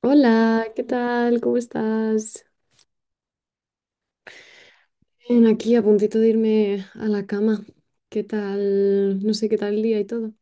Hola, ¿qué tal? ¿Cómo estás? Bien, aquí a puntito de irme a la cama. ¿Qué tal? No sé qué tal el día y todo.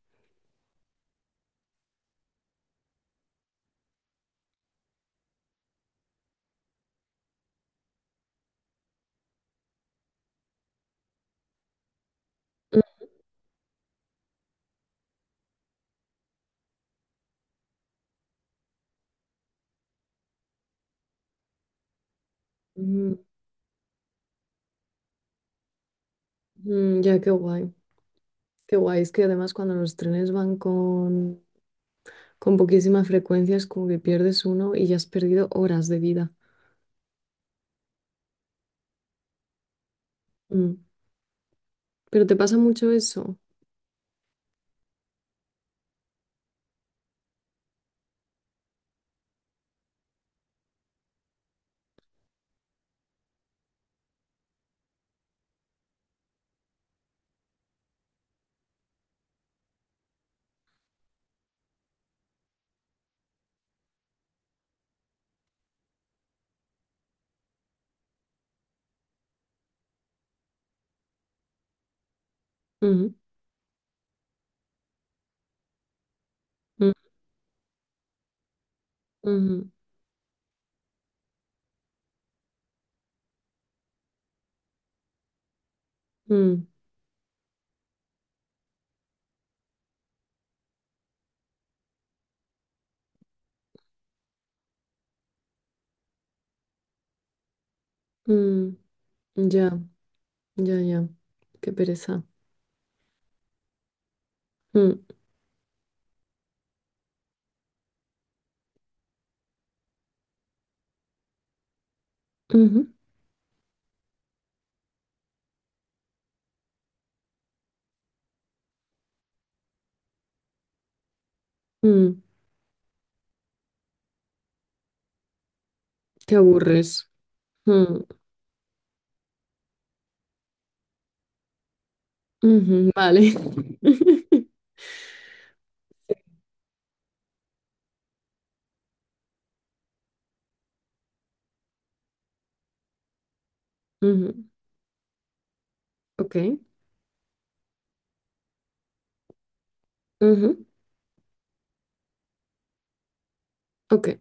Mm, mm, ya, qué guay. Qué guay. Es que además cuando los trenes van con poquísima frecuencia es como que pierdes uno y ya has perdido horas de vida. Mm. Pero te pasa mucho eso. Ujú, mm, ujú, mm, mm. Mm. Ya, ya, ya. Qué pereza. Mm, ujú, mm. Te aburres. Mm, ujú, vale. Ujú, ok. Ujú, ok.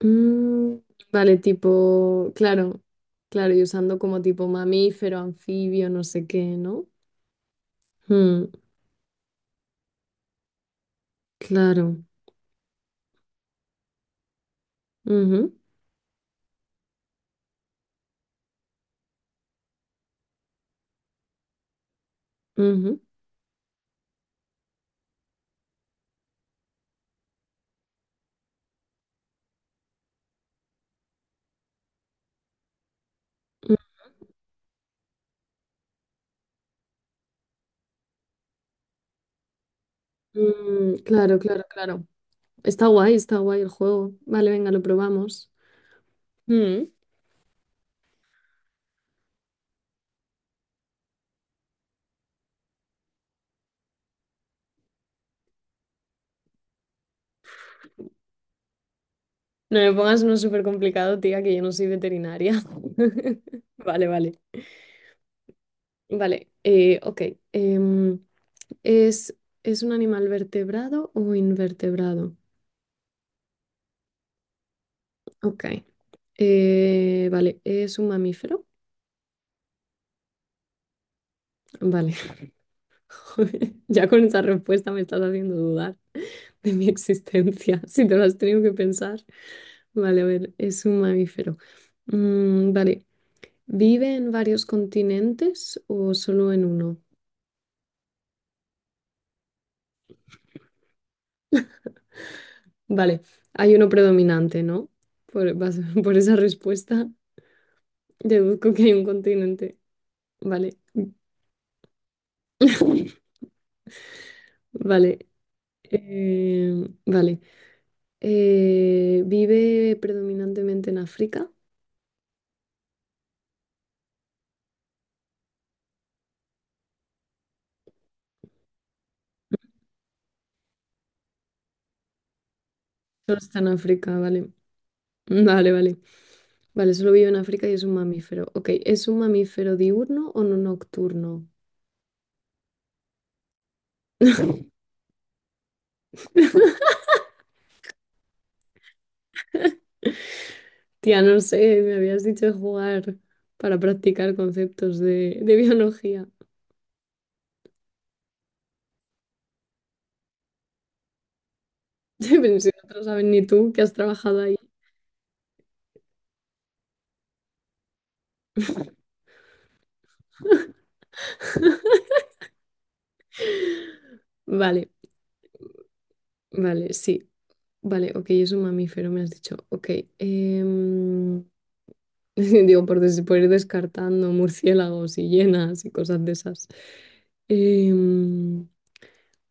Mm, vale, tipo, claro, claro, y usando como tipo mamífero, anfibio, no sé qué, ¿no? Mm, claro. Ujú, ujú, mm, claro, claro, claro. Está guay el juego. Vale, venga, lo probamos. Mm, no me pongas uno súper complicado, tía, que yo no soy veterinaria. Vale, vale. Vale, ok. Em, ¿Es, ¿es un animal vertebrado o invertebrado? Ok. Vale, ¿es un mamífero? Vale. Joder, ya con esa respuesta me estás haciendo dudar de mi existencia, si te lo has tenido que pensar. Vale, a ver, es un mamífero. Mm, vale, ¿vive en varios continentes o solo en uno? Vale, hay uno predominante, ¿no? Por, vas- por esa respuesta deduzco que hay un continente. Vale. Vale, eh, vale. ¿Vive predominantemente en África? Solo está en África, vale. Vale, vale. Vale, solo vive en África y es un mamífero. Ok, ¿es un mamífero diurno o no nocturno? Tía, no sé, me habías dicho jugar para practicar conceptos de biología. Pero si no te lo sabes ni tú, que has trabajado ahí. Vale, vale, sí. Vale, ok, es un mamífero, me has dicho. Ok. em, digo, por ir descartando murciélagos y hienas y cosas de esas. Em,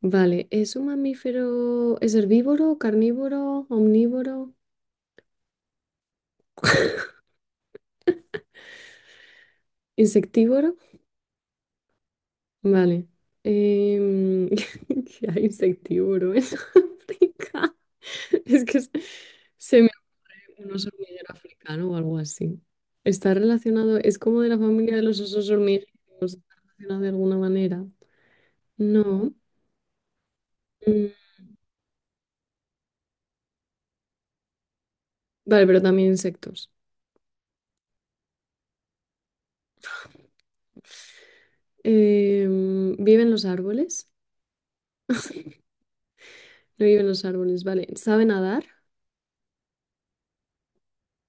vale, ¿es un mamífero, es herbívoro, carnívoro, omnívoro, insectívoro? Vale. Em, ¿qué hay insectívoro en África? Es que se, Un oso hormiguero africano o algo así. Está relacionado, es como de la familia de los osos hormigueros, está relacionado de alguna manera. No. Mm, vale, pero también insectos. Em, ¿vive en los árboles? No vive en los árboles, vale. ¿Sabe nadar?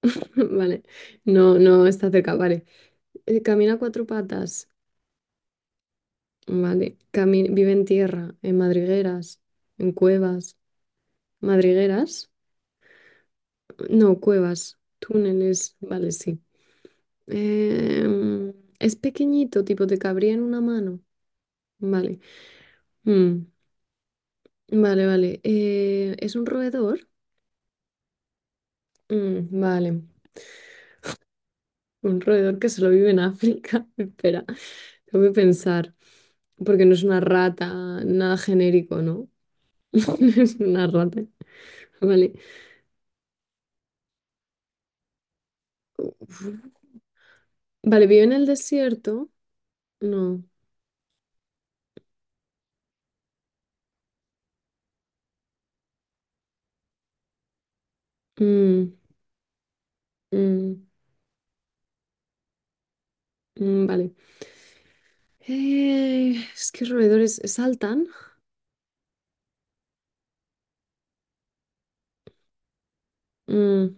Vale. No, no está cerca, vale. ¿Camina a cuatro patas? Vale. ¿Vive en tierra? ¿En madrigueras? ¿En cuevas? ¿Madrigueras? No, cuevas, túneles, vale, sí. Em, es pequeñito, tipo te cabría en una mano. Vale. Mm, vale, vale. ¿Es un roedor? Mm, vale. Un roedor que solo vive en África. Espera, tengo que pensar. Porque no es una rata, nada genérico, ¿no? No es una rata. Vale. Uf. Vale, ¿vive en el desierto? No. Mm, mm, mm, vale. Es que roedores saltan. Mm,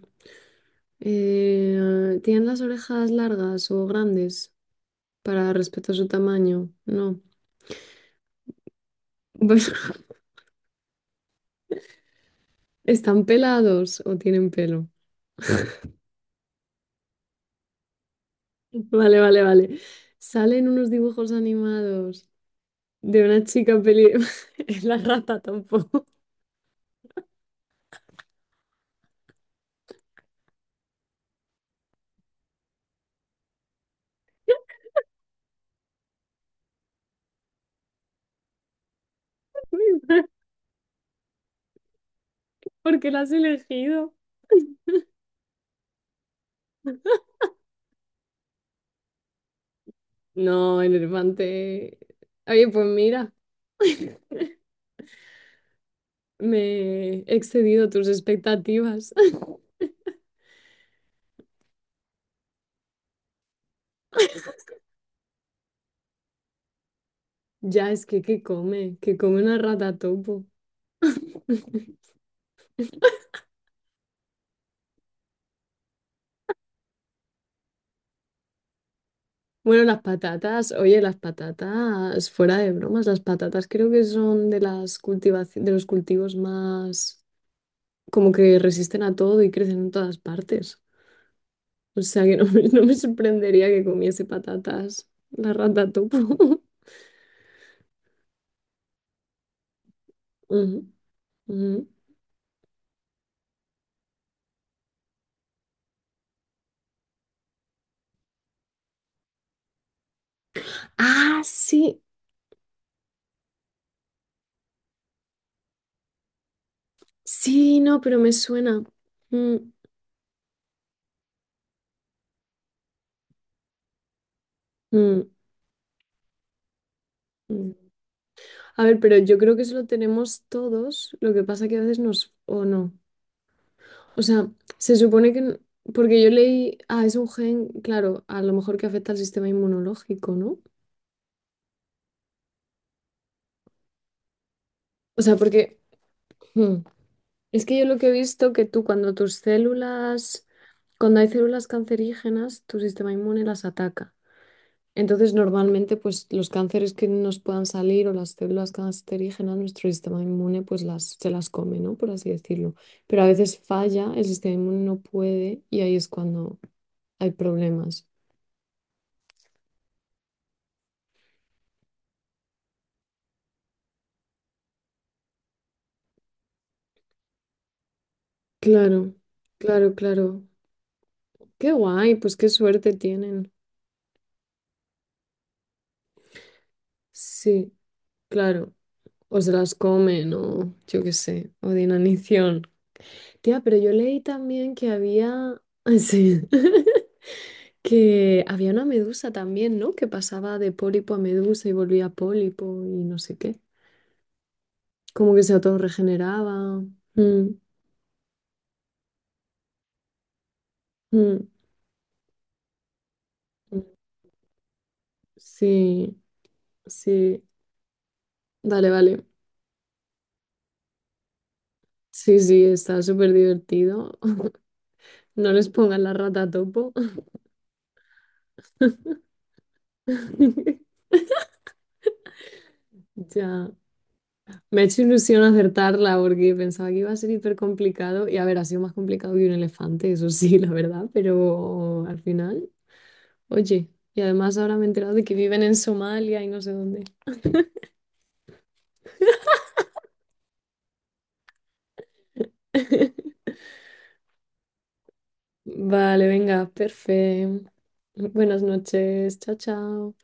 ¿Tienen las orejas largas o grandes para respecto a su tamaño? No. Pues, ¿están pelados o tienen pelo? Vale, vale, vale. Salen unos dibujos animados de una chica peli... Es la rata tampoco. ¿Por qué la has elegido? No, el elefante. Oye, pues mira, me he excedido tus expectativas. Ya, es que ¿qué come? ¿Qué come una rata topo? Bueno, las patatas, oye, las patatas, fuera de bromas, las patatas creo que son de de los cultivos más como que resisten a todo y crecen en todas partes. O sea que no me, no me sorprendería que comiese patatas la rata topo. Ujú, ujú. Ah, sí, sí, no, pero me suena. Mm, mm, mm. A ver, pero yo creo que eso lo tenemos todos, lo que pasa que a veces nos... o no. O sea, se supone que... porque yo leí, ah, es un gen, claro, a lo mejor que afecta al sistema inmunológico, ¿no? O sea, porque hmm, es que yo lo que he visto que tú cuando tus células, cuando hay células cancerígenas, tu sistema inmune las ataca. Entonces, normalmente, pues los cánceres que nos puedan salir o las células cancerígenas, nuestro sistema inmune, pues las, se las come, ¿no? Por así decirlo. Pero a veces falla, el sistema inmune no puede y ahí es cuando hay problemas. Claro, claro, claro. Qué guay, pues qué suerte tienen. Sí, claro. O se las comen, o yo qué sé, o de inanición. Tía, pero yo leí también que había. Sí. Que había una medusa también, ¿no? Que pasaba de pólipo a medusa y volvía pólipo y no sé qué. Como que se autorregeneraba. Mm, mm, mm. Sí, sí. Vale, vale. Sí, sí, está súper divertido. No les pongan la rata a topo. Ya, me ha hecho ilusión acertarla porque pensaba que iba a ser hiper complicado y a ver, ha sido más complicado que un elefante, eso sí, la verdad, pero al final, oye, y además ahora me he enterado de que viven en Somalia y no sé dónde. Vale, venga, perfecto. Buenas noches, chao, chao.